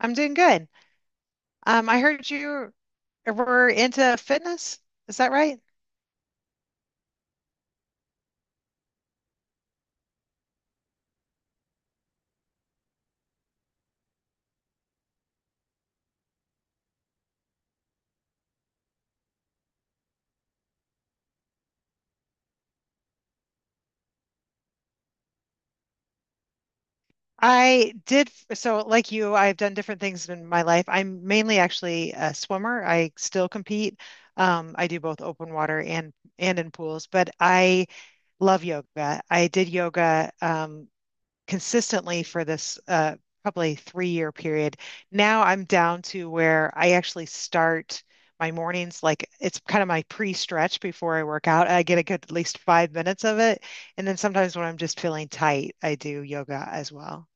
I'm doing good. I heard you were into fitness. Is that right? I did. So, like you, I've done different things in my life. I'm mainly actually a swimmer. I still compete. I do both open water and in pools, but I love yoga. I did yoga, consistently for this probably 3 year period. Now I'm down to where I actually start my mornings, like it's kind of my pre-stretch before I work out. I get a good at least 5 minutes of it. And then sometimes when I'm just feeling tight, I do yoga as well.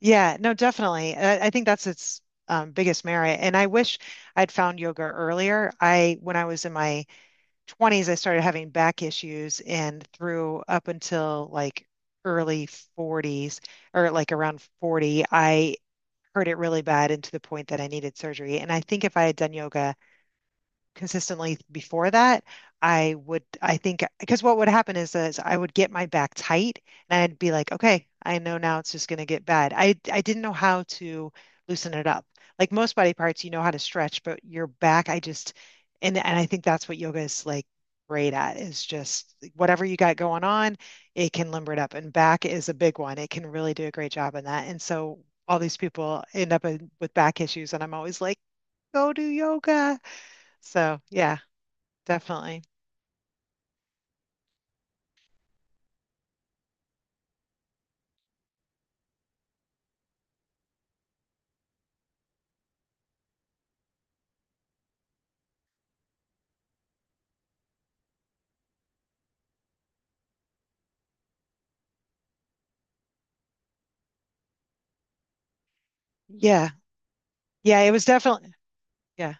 Yeah, no, definitely. I think that's its biggest merit. And I wish I'd found yoga earlier. I, when I was in my 20s, I started having back issues, and through up until like early 40s or like around 40, I hurt it really bad, and to the point that I needed surgery. And I think if I had done yoga consistently before that, I would, I think, because what would happen is, I would get my back tight and I'd be like, okay, I know now it's just going to get bad. I didn't know how to loosen it up. Like most body parts, you know how to stretch, but your back, I just, and I think that's what yoga is like great at, is just like, whatever you got going on, it can limber it up. And back is a big one. It can really do a great job in that. And so all these people end up in, with back issues, and I'm always like, go do yoga. So, yeah. Definitely. Yeah. Yeah, it was definitely yeah.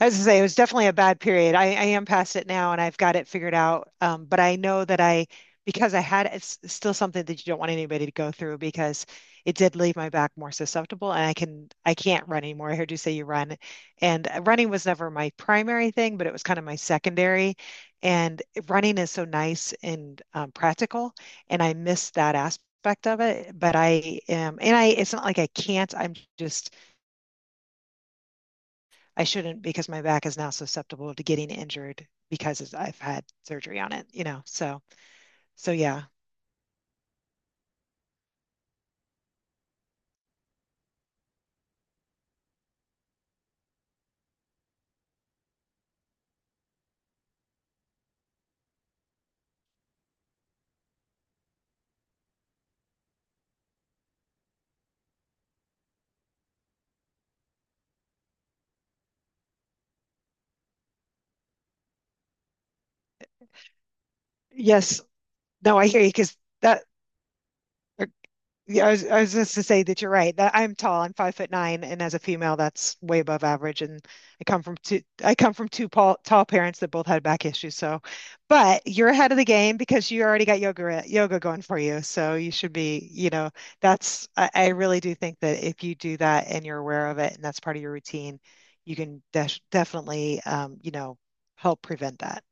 As I was gonna say, it was definitely a bad period. I am past it now, and I've got it figured out. But I know that I because I had it's still something that you don't want anybody to go through, because it did leave my back more susceptible, and I can't run anymore. I heard you say you run. And running was never my primary thing, but it was kind of my secondary. And running is so nice and practical, and I miss that aspect of it. But I am, and I it's not like I can't, I'm just I shouldn't, because my back is now susceptible to getting injured because I've had surgery on it, you know. So so yeah. Yes. No, I hear you because that. Yeah, I was just to say that you're right. That I'm tall. I'm 5 foot nine, and as a female, that's way above average. And I come from two. I come from two tall, tall parents that both had back issues. So, but you're ahead of the game because you already got yoga going for you. So you should be. You know, that's. I really do think that if you do that, and you're aware of it, and that's part of your routine, you can definitely, you know, help prevent that.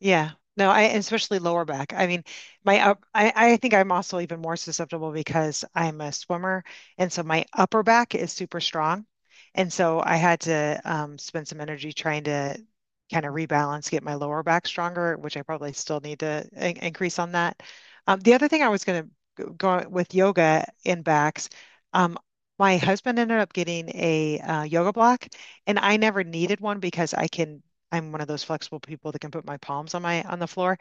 Yeah. No, I especially lower back. I mean, I think I'm also even more susceptible because I'm a swimmer. And so my upper back is super strong. And so I had to spend some energy trying to kind of rebalance, get my lower back stronger, which I probably still need to in increase on that. The other thing I was going to go with yoga in backs, um, my husband ended up getting a yoga block, and I never needed one because I'm one of those flexible people that can put my palms on my on the floor.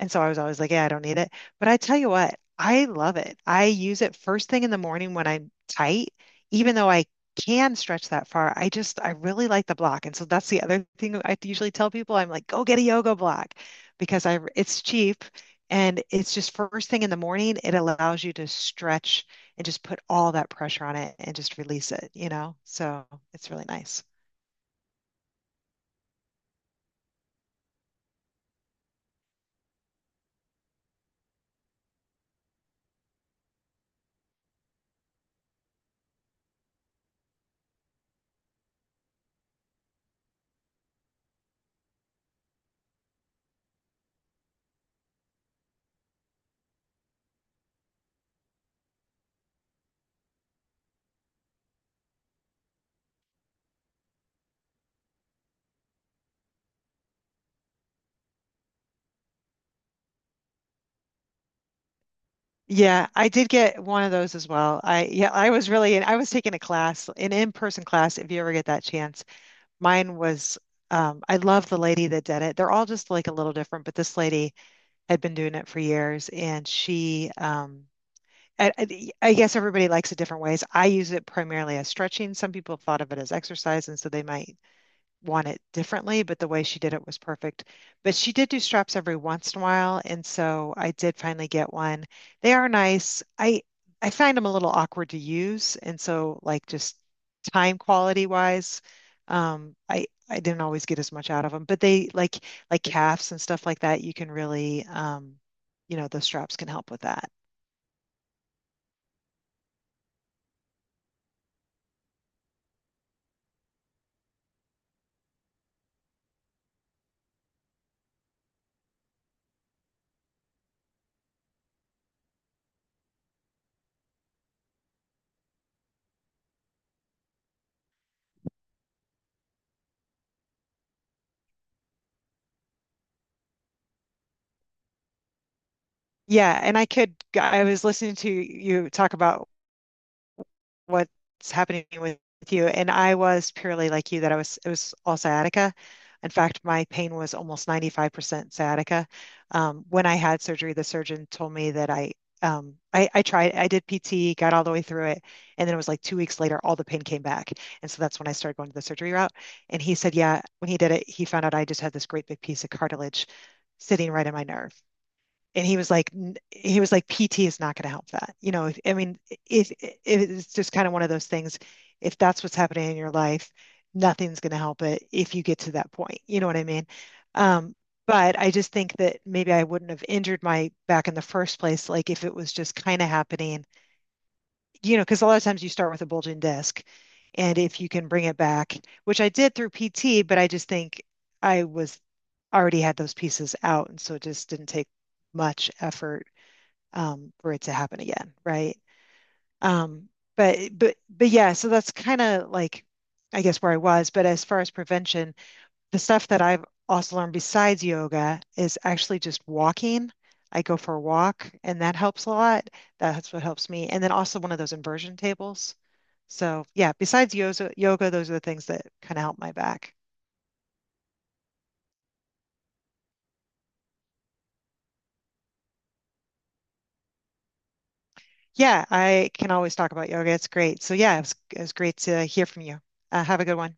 And so I was always like, yeah, I don't need it. But I tell you what, I love it. I use it first thing in the morning when I'm tight, even though I can stretch that far. I really like the block. And so that's the other thing I usually tell people. I'm like, go get a yoga block, because I it's cheap, and it's just first thing in the morning. It allows you to stretch and just put all that pressure on it and just release it, you know? So it's really nice. Yeah, I did get one of those as well. I yeah, I was really I was taking a class, an in-person class, if you ever get that chance. Mine was I love the lady that did it. They're all just like a little different, but this lady had been doing it for years, and she I guess everybody likes it different ways. I use it primarily as stretching. Some people thought of it as exercise, and so they might want it differently, but the way she did it was perfect. But she did do straps every once in a while, and so I did finally get one. They are nice. I find them a little awkward to use, and so like just time quality wise, I didn't always get as much out of them. But they like calves and stuff like that. You can really, you know, those straps can help with that. Yeah, and I could. I was listening to you talk about what's happening with you. And I was purely like you that I was, it was all sciatica. In fact, my pain was almost 95% sciatica. When I had surgery, the surgeon told me that I tried, I did PT, got all the way through it. And then it was like 2 weeks later, all the pain came back. And so that's when I started going to the surgery route. And he said, yeah, when he did it, he found out I just had this great big piece of cartilage sitting right in my nerve, and he was like, PT is not going to help that, you know, I mean, it it's just kind of one of those things. If that's what's happening in your life, nothing's going to help it if you get to that point, you know what I mean um but I just think that maybe I wouldn't have injured my back in the first place, like if it was just kind of happening, you know, because a lot of times you start with a bulging disc, and if you can bring it back, which I did through PT. But I just think I was already had those pieces out, and so it just didn't take much effort, for it to happen again, right? Um, but yeah, so that's kind of like I guess where I was. But as far as prevention, the stuff that I've also learned besides yoga is actually just walking. I go for a walk, and that helps a lot. That's what helps me. And then also one of those inversion tables. So yeah, besides yoga, those are the things that kind of help my back. Yeah, I can always talk about yoga. It's great. So yeah, it was great to hear from you. Have a good one.